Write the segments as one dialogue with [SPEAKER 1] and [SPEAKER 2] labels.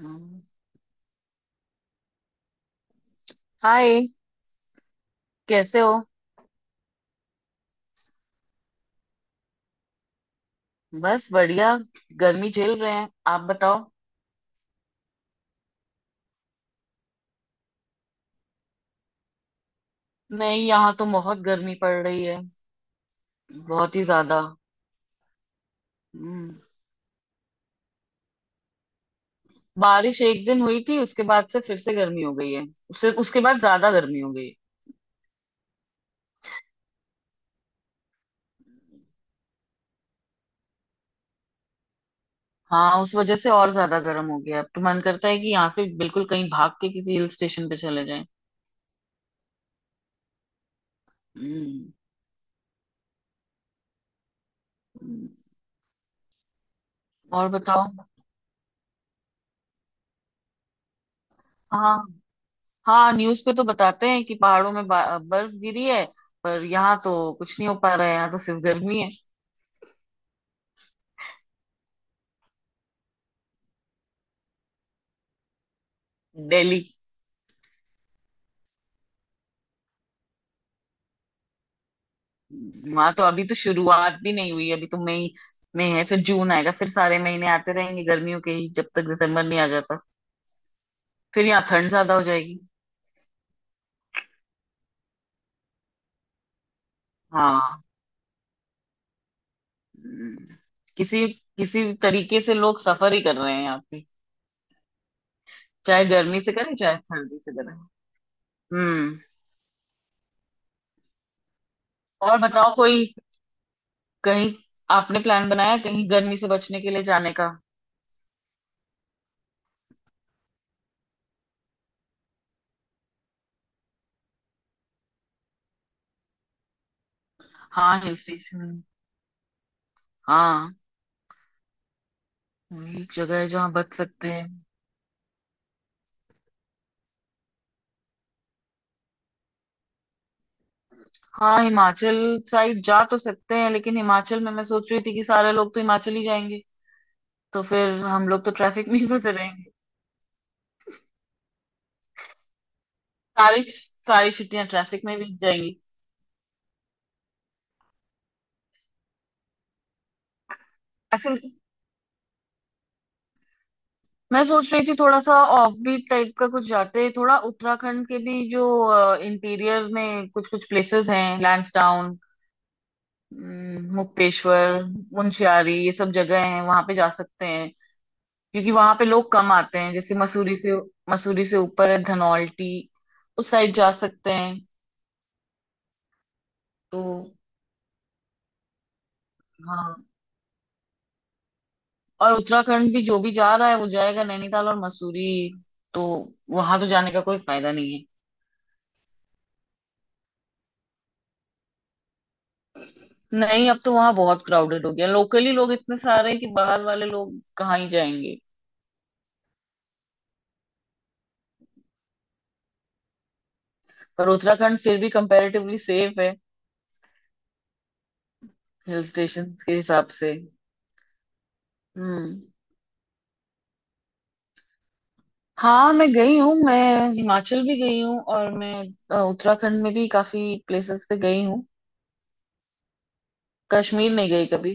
[SPEAKER 1] हम्म, hi. कैसे हो? बस बढ़िया। गर्मी झेल रहे हैं, आप बताओ। नहीं, यहाँ तो बहुत गर्मी पड़ रही है, बहुत ही ज्यादा। हम्म, बारिश एक दिन हुई थी, उसके बाद से फिर से गर्मी हो गई है। उससे उसके बाद ज्यादा गर्मी हो गई। हाँ, उस वजह से और ज्यादा गर्म हो गया। अब तो मन करता है कि यहाँ से बिल्कुल कहीं भाग के किसी हिल स्टेशन पे चले जाएं। हम्म, हम्म, और बताओ। हाँ, हाँ न्यूज पे तो बताते हैं कि पहाड़ों में बर्फ गिरी है, पर यहाँ तो कुछ नहीं हो पा रहा है, यहाँ तो सिर्फ गर्मी है। दिल्ली। वहां तो अभी तो शुरुआत भी नहीं हुई, अभी तो मई में है, फिर जून आएगा, फिर सारे महीने आते रहेंगे गर्मियों के ही, जब तक दिसंबर नहीं आ जाता। फिर यहाँ ठंड ज्यादा हो जाएगी। हाँ। हम्म, किसी किसी तरीके से लोग सफर ही कर रहे हैं यहाँ पे। चाहे गर्मी से करें चाहे सर्दी से करें। हम्म। और बताओ, कोई कहीं आपने प्लान बनाया कहीं गर्मी से बचने के लिए जाने का? हाँ, हिल स्टेशन। हाँ, वही एक जगह है जहाँ बच सकते हैं। हाँ, हिमाचल साइड जा तो सकते हैं, लेकिन हिमाचल में मैं सोच रही थी कि सारे लोग तो हिमाचल ही जाएंगे, तो फिर हम लोग तो ट्रैफिक में ही फंसे रहेंगे। सारी सारी छुट्टियां ट्रैफिक में बीत जाएंगी। एक्चुअली मैं सोच रही थी, थोड़ा सा ऑफ बीट टाइप का कुछ जाते, थोड़ा उत्तराखंड के भी जो इंटीरियर में कुछ कुछ प्लेसेस हैं, लैंसडाउन, मुक्तेश्वर, मुंशियारी, ये सब जगह हैं, वहां पे जा सकते हैं। क्योंकि वहां पे लोग कम आते हैं। जैसे मसूरी से ऊपर है धनौल्टी, उस साइड जा सकते हैं। तो हाँ, और उत्तराखंड भी जो भी जा रहा है वो जाएगा नैनीताल और मसूरी, तो वहां तो जाने का कोई फायदा नहीं है। नहीं, अब तो वहां बहुत क्राउडेड हो गया, लोकली लोग इतने सारे हैं कि बाहर वाले लोग कहाँ ही जाएंगे। पर उत्तराखंड फिर भी कंपैरेटिवली सेफ है, हिल स्टेशन के हिसाब से। हम्म। हाँ मैं गई हूँ, मैं हिमाचल भी गई हूँ और मैं उत्तराखंड में भी काफी प्लेसेस पे गई हूँ। कश्मीर नहीं गई कभी।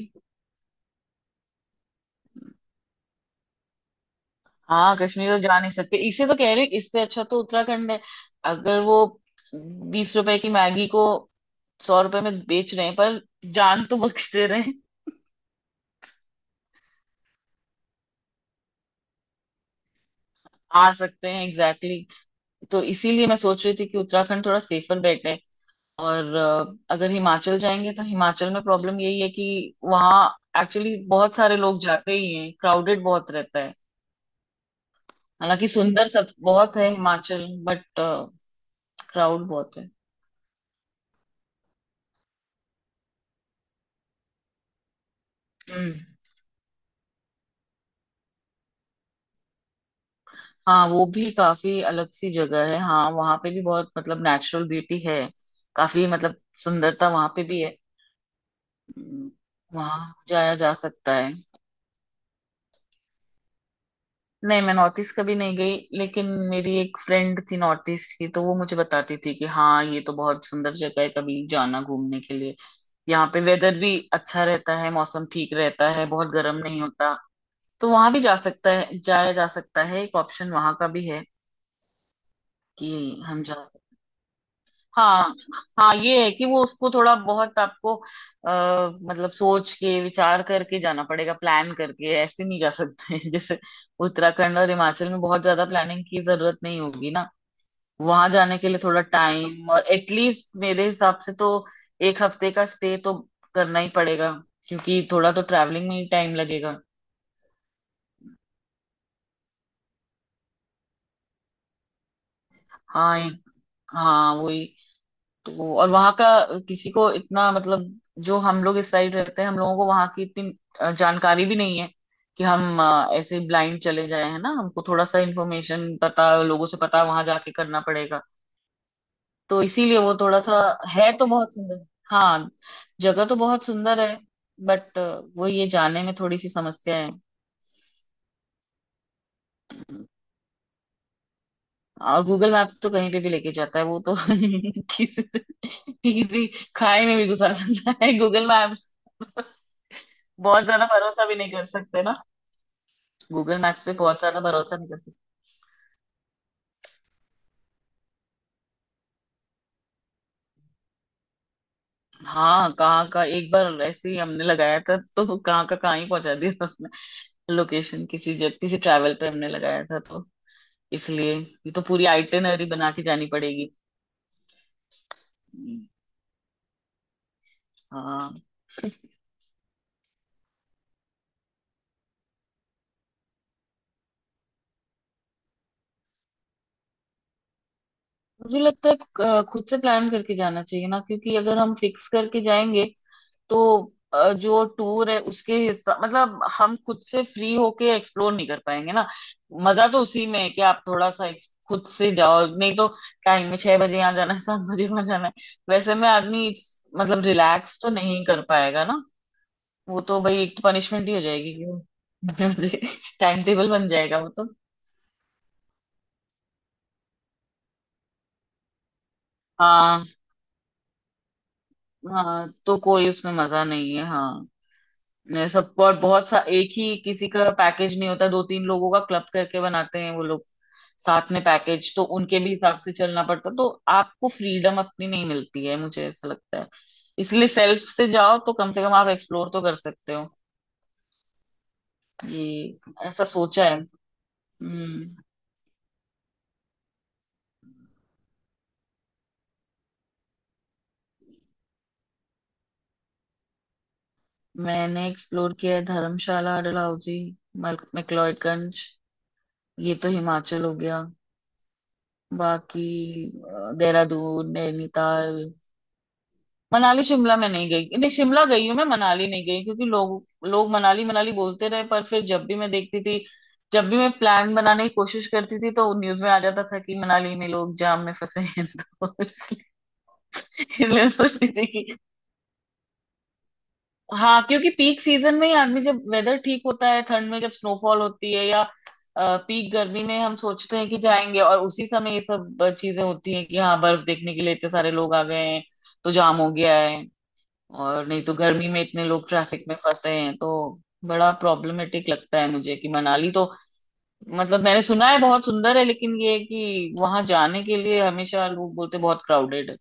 [SPEAKER 1] हाँ कश्मीर तो जा नहीं सकते, इसे तो कह रही हूँ इससे अच्छा तो उत्तराखंड है। अगर वो 20 रुपए की मैगी को 100 रुपए में बेच रहे हैं, पर जान तो बख्श दे रहे हैं। आ सकते हैं, एग्जैक्टली तो इसीलिए मैं सोच रही थी कि उत्तराखंड थोड़ा सेफर बेट। और अगर हिमाचल जाएंगे तो हिमाचल में प्रॉब्लम यही है कि वहाँ एक्चुअली बहुत सारे लोग जाते ही हैं, क्राउडेड बहुत रहता है। हालांकि सुंदर सब बहुत है हिमाचल, बट क्राउड बहुत है। हम्म। हाँ, वो भी काफी अलग सी जगह है। हाँ वहाँ पे भी बहुत, मतलब नेचुरल ब्यूटी है, काफी, मतलब सुंदरता वहाँ पे भी है। हम्म, वहाँ जाया जा सकता है। नहीं, मैं नॉर्थ ईस्ट कभी नहीं गई, लेकिन मेरी एक फ्रेंड थी नॉर्थ ईस्ट की, तो वो मुझे बताती थी कि हाँ ये तो बहुत सुंदर जगह है, कभी जाना घूमने के लिए। यहाँ पे वेदर भी अच्छा रहता है, मौसम ठीक रहता है, बहुत गर्म नहीं होता। तो वहां भी जा सकता है, जाया जा सकता है, एक ऑप्शन वहां का भी है। कि हम जा हाँ हाँ, ये है कि वो उसको थोड़ा बहुत आपको मतलब सोच के विचार करके जाना पड़ेगा, प्लान करके। ऐसे नहीं जा सकते जैसे उत्तराखंड और हिमाचल में बहुत ज्यादा प्लानिंग की जरूरत नहीं होगी ना। वहां जाने के लिए थोड़ा टाइम, और एटलीस्ट मेरे हिसाब से तो एक हफ्ते का स्टे तो करना ही पड़ेगा, क्योंकि थोड़ा तो ट्रैवलिंग में ही टाइम लगेगा। हाँ हाँ वही। तो और वहां का किसी को इतना, मतलब जो हम लोग इस साइड रहते हैं, हम लोगों को वहां की इतनी जानकारी भी नहीं है कि हम ऐसे ब्लाइंड चले जाए। है ना, हमको थोड़ा सा इन्फॉर्मेशन पता लोगों से पता वहां जाके करना पड़ेगा। तो इसीलिए वो थोड़ा सा, है तो बहुत सुंदर, हाँ जगह तो बहुत सुंदर है, बट वो ये जाने में थोड़ी सी समस्या है। और गूगल मैप तो कहीं पे भी लेके जाता है वो तो किसी किसी खाई में भी घुसा सकता है गूगल मैप्स। बहुत ज्यादा भरोसा भी नहीं कर सकते ना, गूगल मैप पे बहुत ज्यादा भरोसा नहीं कर सकते। हाँ कहाँ का, एक बार ऐसे ही हमने लगाया था तो कहाँ का कहाँ ही पहुंचा दिया उसने। लोकेशन किसी जगह, किसी ट्रैवल पे हमने लगाया था तो। इसलिए ये तो पूरी आइटिनरी बना के जानी पड़ेगी। हम्म, हाँ मुझे लगता है खुद से प्लान करके जाना चाहिए ना, क्योंकि अगर हम फिक्स करके जाएंगे तो जो टूर है उसके हिस्सा, मतलब हम खुद से फ्री होके एक्सप्लोर नहीं कर पाएंगे ना। मजा तो उसी में है कि आप थोड़ा सा खुद से जाओ, नहीं तो टाइम में 6 बजे यहाँ जाना है, 7 बजे वहां जाना है, वैसे में आदमी मतलब रिलैक्स तो नहीं कर पाएगा ना। वो तो भाई एक तो पनिशमेंट ही हो जाएगी कि टाइम टेबल बन जाएगा वो तो। हाँ हाँ तो कोई उसमें मजा नहीं है, हाँ। ये सब और बहुत सा एक ही किसी का पैकेज नहीं होता, दो तीन लोगों का क्लब करके बनाते हैं वो लोग। साथ में पैकेज तो उनके भी हिसाब से चलना पड़ता, तो आपको फ्रीडम अपनी नहीं मिलती है, मुझे ऐसा लगता है। इसलिए सेल्फ से जाओ तो कम से कम आप एक्सप्लोर तो कर सकते हो। ये ऐसा सोचा है। हम्म। मैंने एक्सप्लोर किया है धर्मशाला, डलहौजी, मैक्लोडगंज, ये तो हिमाचल हो गया। बाकी देहरादून, नैनीताल। मनाली शिमला में नहीं गई, नहीं शिमला गई हूँ मैं, मनाली नहीं गई, क्योंकि लोग लोग मनाली मनाली बोलते रहे, पर फिर जब भी मैं देखती थी, जब भी मैं प्लान बनाने की कोशिश करती थी तो न्यूज में आ जाता था कि मनाली में लोग जाम में फंसे हैं तो इसलिए मैं सोचती थी कि हाँ। क्योंकि पीक सीजन में ही आदमी, जब वेदर ठीक होता है ठंड में, जब स्नोफॉल होती है या पीक गर्मी में, हम सोचते हैं कि जाएंगे, और उसी समय ये सब चीजें होती हैं कि हाँ बर्फ देखने के लिए इतने सारे लोग आ गए हैं तो जाम हो गया है। और नहीं तो गर्मी में इतने लोग ट्रैफिक में फंसे हैं, तो बड़ा प्रॉब्लमेटिक लगता है मुझे कि मनाली तो, मतलब मैंने सुना है बहुत सुंदर है, लेकिन ये है कि वहां जाने के लिए हमेशा लोग बोलते बहुत क्राउडेड है।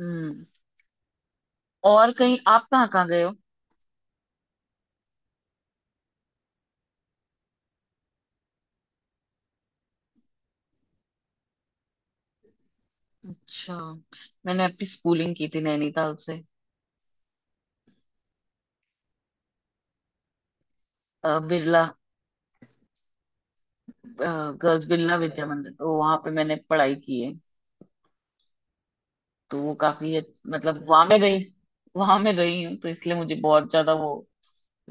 [SPEAKER 1] हम्म। और कहीं आप कहाँ कहाँ गए हो? अच्छा, मैंने अपनी स्कूलिंग की थी नैनीताल से। बिरला, गर्ल्स बिरला विद्या मंदिर, तो वहां पे मैंने पढ़ाई की है। तो वो काफी मतलब वहां में रही, वहां में रही हूँ, तो इसलिए मुझे बहुत ज्यादा वो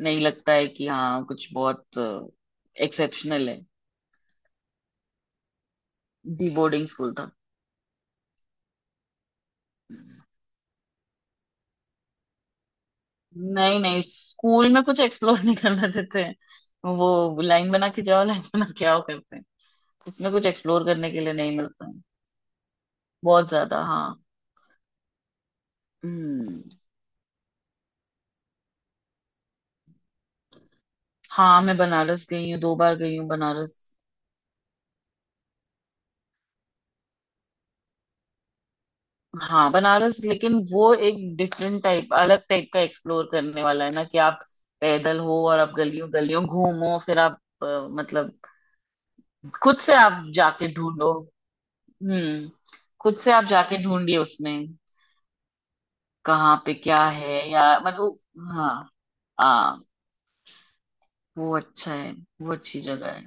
[SPEAKER 1] नहीं लगता है कि हाँ कुछ बहुत एक्सेप्शनल है। डी बोर्डिंग स्कूल था। नहीं नहीं, स्कूल में कुछ एक्सप्लोर नहीं करना देते हैं। वो लाइन बना के जाओ, लाइन बना के आओ करते हैं। उसमें कुछ एक्सप्लोर करने के लिए नहीं मिलता है। बहुत ज्यादा, हाँ। हम्म। हाँ मैं बनारस गई हूँ, 2 बार गई हूँ बनारस। हाँ बनारस, लेकिन वो एक डिफरेंट टाइप, अलग टाइप का एक्सप्लोर करने वाला है ना, कि आप पैदल हो और आप गलियों गलियों घूमो, फिर आप मतलब खुद से आप जाके ढूंढो। हम्म, खुद से आप जाके ढूंढिए, उसमें कहाँ पे क्या है, या मतलब। हाँ, हाँ। वो अच्छा है, वो अच्छी जगह है।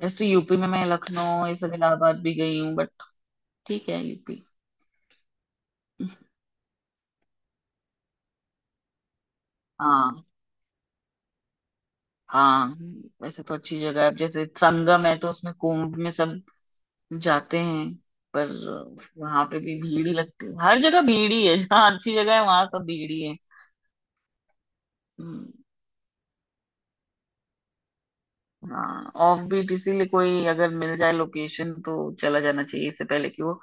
[SPEAKER 1] वैसे तो यूपी में मैं लखनऊ, ये सब, इलाहाबाद भी गई हूँ, बट ठीक है यूपी। हाँ, हाँ, वैसे तो अच्छी जगह है। अब जैसे संगम है तो उसमें कुंभ में सब जाते हैं, पर वहां पे भी भीड़ ही लगती है, हर जगह भीड़ ही है, जहाँ अच्छी जगह है वहां सब भीड़ ही है। हम्म। हाँ, ऑफ बीट इसीलिए कोई अगर मिल जाए लोकेशन तो चला जाना चाहिए, इससे पहले कि वो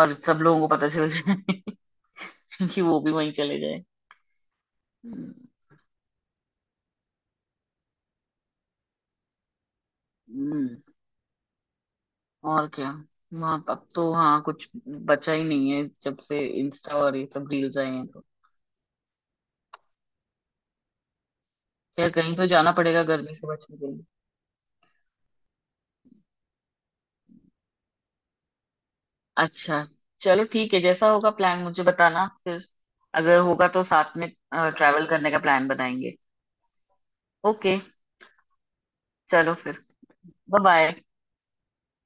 [SPEAKER 1] और सब लोगों को पता चल जाए कि वो भी वहीं चले जाए। हम्म, और क्या। वहां अब तो, हाँ कुछ बचा ही नहीं है, जब से इंस्टा और ये सब रील्स आए हैं तो। खैर, कहीं तो जाना पड़ेगा गर्मी से बचने के लिए। अच्छा, चलो ठीक है, जैसा होगा प्लान मुझे बताना फिर। अगर होगा तो साथ में ट्रैवल करने का प्लान बनाएंगे। ओके, चलो फिर। Bye bye.